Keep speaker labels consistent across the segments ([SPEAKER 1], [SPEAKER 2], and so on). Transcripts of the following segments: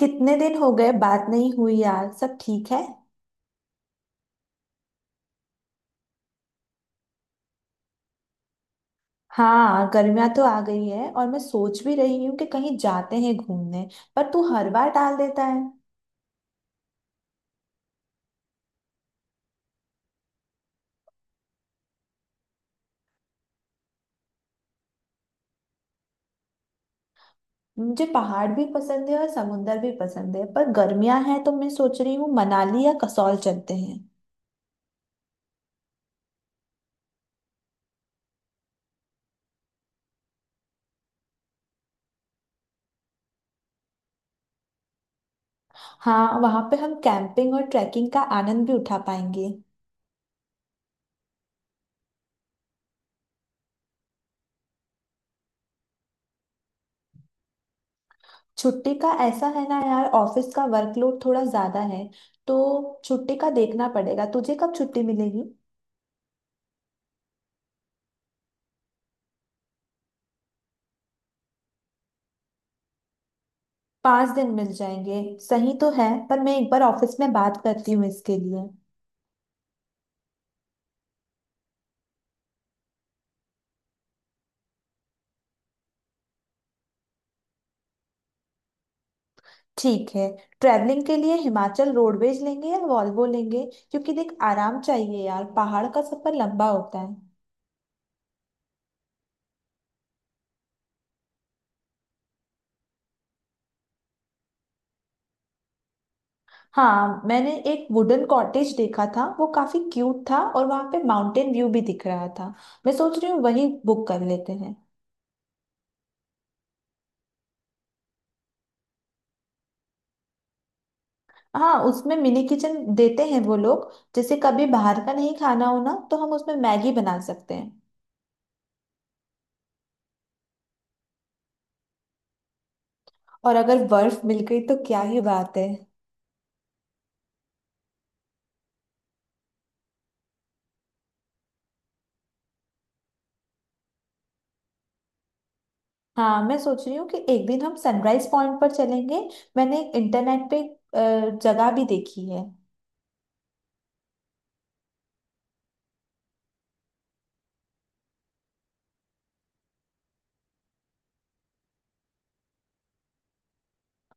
[SPEAKER 1] कितने दिन हो गए बात नहीं हुई यार, सब ठीक है? हाँ, गर्मियाँ तो आ गई है और मैं सोच भी रही हूँ कि कहीं जाते हैं घूमने। पर तू हर बार टाल देता है। मुझे पहाड़ भी पसंद है और समुंदर भी पसंद है, पर गर्मियाँ हैं तो मैं सोच रही हूँ मनाली या कसौल चलते हैं। हाँ, वहाँ पे हम कैंपिंग और ट्रैकिंग का आनंद भी उठा पाएंगे। छुट्टी का ऐसा है ना यार, ऑफिस का वर्कलोड थोड़ा ज्यादा है, तो छुट्टी का देखना पड़ेगा। तुझे कब छुट्टी मिलेगी? 5 दिन मिल जाएंगे। सही तो है, पर मैं एक बार ऑफिस में बात करती हूँ इसके लिए। ठीक है। ट्रैवलिंग के लिए हिमाचल रोडवेज लेंगे या वॉल्वो लेंगे? क्योंकि देख, आराम चाहिए यार, पहाड़ का सफर लंबा होता है। हाँ, मैंने एक वुडन कॉटेज देखा था, वो काफी क्यूट था और वहाँ पे माउंटेन व्यू भी दिख रहा था। मैं सोच रही हूँ वही बुक कर लेते हैं। हाँ, उसमें मिनी किचन देते हैं वो लोग। जैसे कभी बाहर का नहीं खाना हो ना, तो हम उसमें मैगी बना सकते हैं। और अगर बर्फ मिल गई तो क्या ही बात है। हाँ, मैं सोच रही हूँ कि एक दिन हम सनराइज पॉइंट पर चलेंगे। मैंने इंटरनेट पे जगह भी देखी है।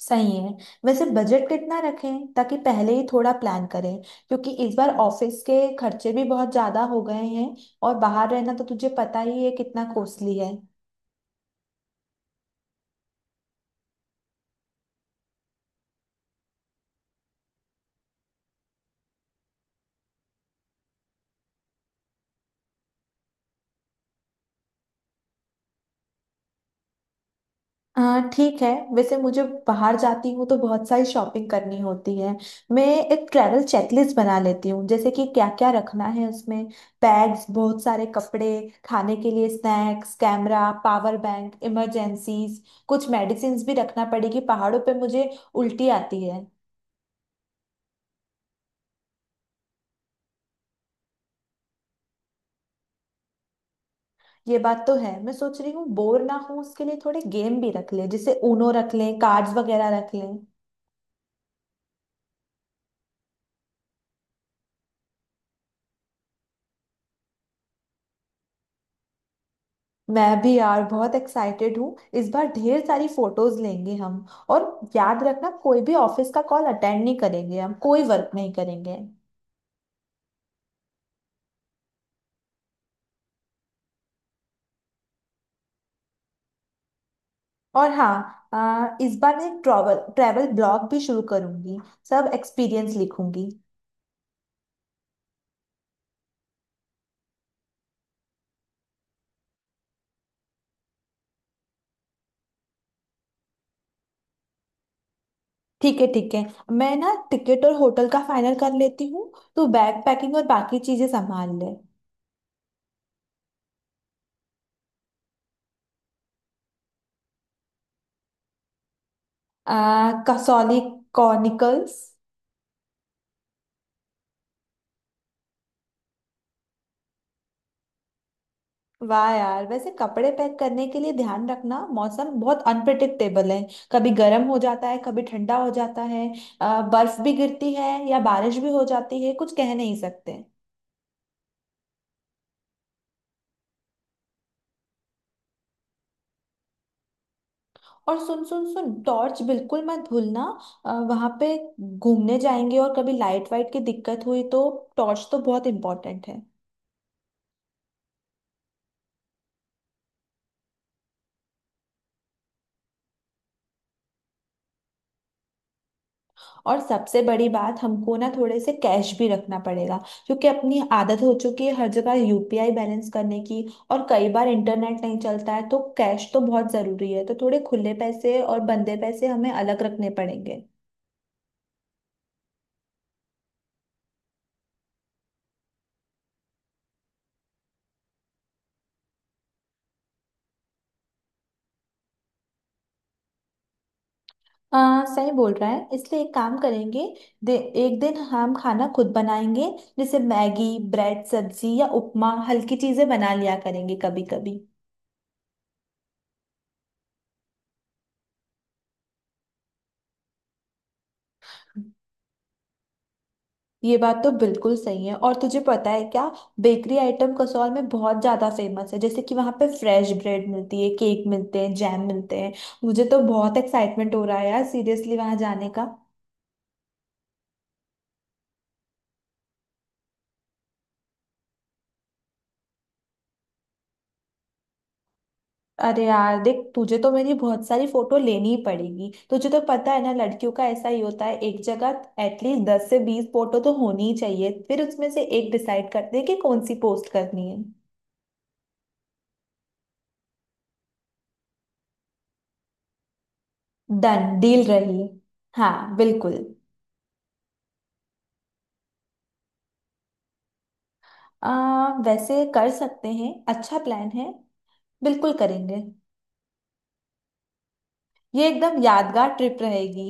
[SPEAKER 1] सही है। वैसे बजट कितना रखें, ताकि पहले ही थोड़ा प्लान करें, क्योंकि इस बार ऑफिस के खर्चे भी बहुत ज़्यादा हो गए हैं और बाहर रहना तो तुझे पता ही है कितना कॉस्टली है। हाँ, ठीक है। वैसे मुझे बाहर जाती हूँ तो बहुत सारी शॉपिंग करनी होती है। मैं एक ट्रैवल चेकलिस्ट बना लेती हूँ जैसे कि क्या क्या रखना है उसमें। बैग्स, बहुत सारे कपड़े, खाने के लिए snacks, camera, power bank, emergencies. कुछ मेडिसिन्स भी रखना पड़ेगी, पहाड़ों पे मुझे उल्टी आती है। ये बात तो है। मैं सोच रही हूँ बोर ना हो, उसके लिए थोड़े गेम भी रख लें, जैसे ऊनो रख लें, कार्ड्स वगैरह रख लें। मैं भी यार बहुत एक्साइटेड हूँ। इस बार ढेर सारी फोटोज लेंगे हम। और याद रखना, कोई भी ऑफिस का कॉल अटेंड नहीं करेंगे, हम कोई वर्क नहीं करेंगे। और हाँ, इस बार मैं ट्रैवल ट्रैवल ब्लॉग भी शुरू करूंगी। सब एक्सपीरियंस लिखूंगी। ठीक है, ठीक है। मैं ना टिकट और होटल का फाइनल कर लेती हूँ। तू बैग पैकिंग और बाकी चीजें संभाल ले। आ, कसौली कॉनिकल्स। वाह यार, वैसे कपड़े पैक करने के लिए ध्यान रखना, मौसम बहुत अनप्रिडिक्टेबल है। कभी गर्म हो जाता है, कभी ठंडा हो जाता है। बर्फ भी गिरती है या बारिश भी हो जाती है, कुछ कह नहीं सकते। और सुन सुन सुन, टॉर्च बिल्कुल मत भूलना। वहां पे घूमने जाएंगे और कभी लाइट वाइट की दिक्कत हुई तो टॉर्च तो बहुत इंपॉर्टेंट है। और सबसे बड़ी बात, हमको ना थोड़े से कैश भी रखना पड़ेगा, क्योंकि अपनी आदत हो चुकी है हर जगह यूपीआई बैलेंस करने की। और कई बार इंटरनेट नहीं चलता है, तो कैश तो बहुत ज़रूरी है। तो थोड़े खुले पैसे और बंदे पैसे हमें अलग रखने पड़ेंगे। सही बोल रहा है, इसलिए एक काम करेंगे, एक दिन हम खाना खुद बनाएंगे। जैसे मैगी, ब्रेड, सब्जी या उपमा, हल्की चीज़ें बना लिया करेंगे कभी कभी। ये बात तो बिल्कुल सही है। और तुझे पता है क्या, बेकरी आइटम कसौल में बहुत ज्यादा फेमस है, जैसे कि वहां पे फ्रेश ब्रेड मिलती है, केक मिलते हैं, जैम मिलते हैं। मुझे तो बहुत एक्साइटमेंट हो रहा है यार, सीरियसली वहां जाने का। अरे यार देख, तुझे तो मेरी बहुत सारी फोटो लेनी ही पड़ेगी। तुझे तो पता है ना लड़कियों का ऐसा ही होता है। एक जगह एटलीस्ट 10 से 20 फोटो तो होनी ही चाहिए, फिर उसमें से एक डिसाइड करते हैं कि कौन सी पोस्ट करनी है। डन डील रही। हाँ, बिल्कुल। आ, वैसे कर सकते हैं, अच्छा प्लान है, बिल्कुल करेंगे। ये एकदम यादगार ट्रिप रहेगी।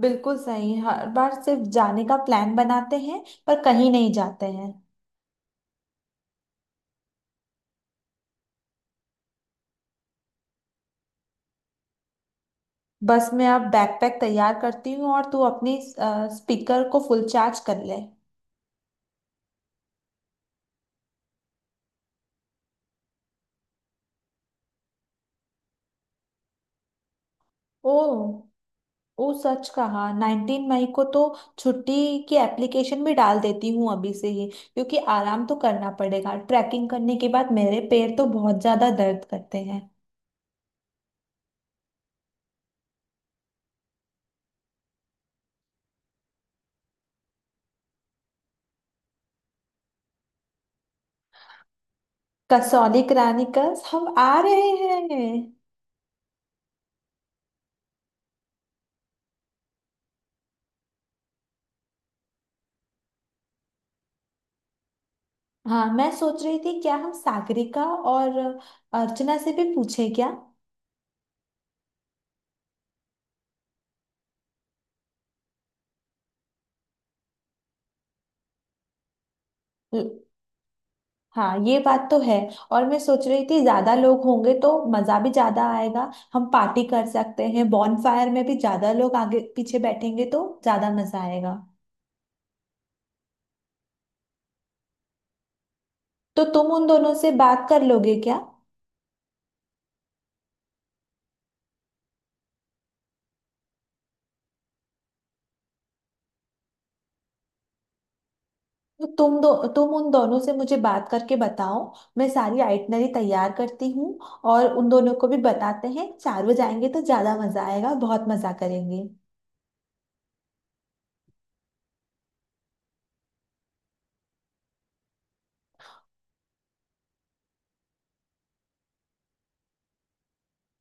[SPEAKER 1] बिल्कुल सही, हर बार सिर्फ जाने का प्लान बनाते हैं पर कहीं नहीं जाते हैं। बस मैं अब बैकपैक तैयार करती हूँ और तू अपनी स्पीकर को फुल चार्ज कर ले। ओ। ओ सच कहा, 19 मई को तो छुट्टी की एप्लीकेशन भी डाल देती हूँ अभी से ही, क्योंकि आराम तो करना पड़ेगा। ट्रैकिंग करने के बाद मेरे पैर तो बहुत ज़्यादा दर्द करते हैं। कसौली करानिकस हम आ रहे हैं। हाँ, मैं सोच रही थी क्या हम सागरिका और अर्चना से भी पूछें क्या? ल- हाँ, ये बात तो है। और मैं सोच रही थी ज्यादा लोग होंगे तो मजा भी ज्यादा आएगा, हम पार्टी कर सकते हैं, बॉनफायर में भी ज्यादा लोग आगे पीछे बैठेंगे तो ज्यादा मजा आएगा। तो तुम उन दोनों से बात कर लोगे क्या? तो तुम उन दोनों से मुझे बात करके बताओ। मैं सारी आइटनरी तैयार करती हूँ, और उन दोनों को भी बताते हैं। चारों जाएंगे तो ज्यादा मजा आएगा, बहुत मजा करेंगे।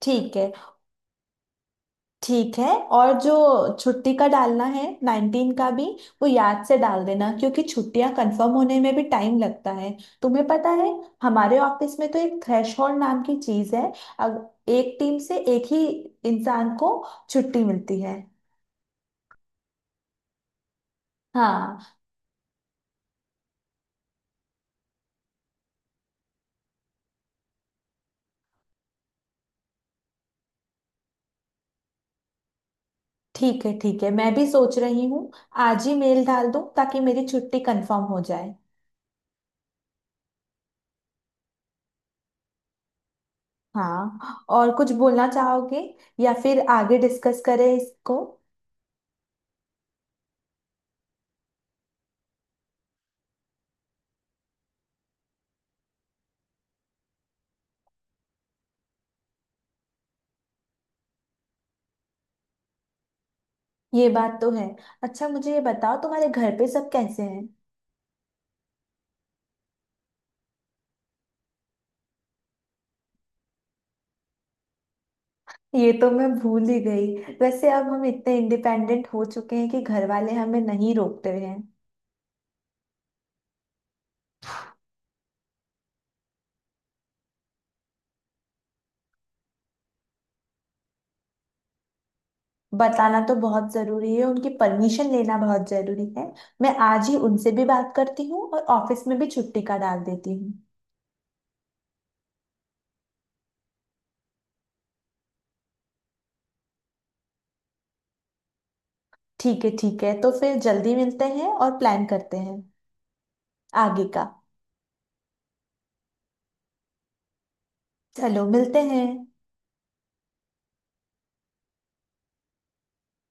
[SPEAKER 1] ठीक है, ठीक है। और जो छुट्टी का डालना है 19 का भी, वो याद से डाल देना क्योंकि छुट्टियां कंफर्म होने में भी टाइम लगता है, तुम्हें पता है। हमारे ऑफिस में तो एक थ्रेशहोल्ड नाम की चीज है। एक टीम से एक ही इंसान को छुट्टी मिलती है। हाँ। ठीक है, ठीक है, मैं भी सोच रही हूँ आज ही मेल डाल दूँ ताकि मेरी छुट्टी कंफर्म हो जाए। हाँ, और कुछ बोलना चाहोगे? या फिर आगे डिस्कस करें इसको? ये बात तो है। अच्छा मुझे ये बताओ, तुम्हारे घर पे सब कैसे हैं? ये तो मैं भूल ही गई। वैसे अब हम इतने इंडिपेंडेंट हो चुके हैं कि घर वाले हमें नहीं रोकते हैं। बताना तो बहुत जरूरी है, उनकी परमिशन लेना बहुत जरूरी है। मैं आज ही उनसे भी बात करती हूँ और ऑफिस में भी छुट्टी का डाल देती हूँ। ठीक है, ठीक है, तो फिर जल्दी मिलते हैं और प्लान करते हैं आगे का। चलो मिलते हैं।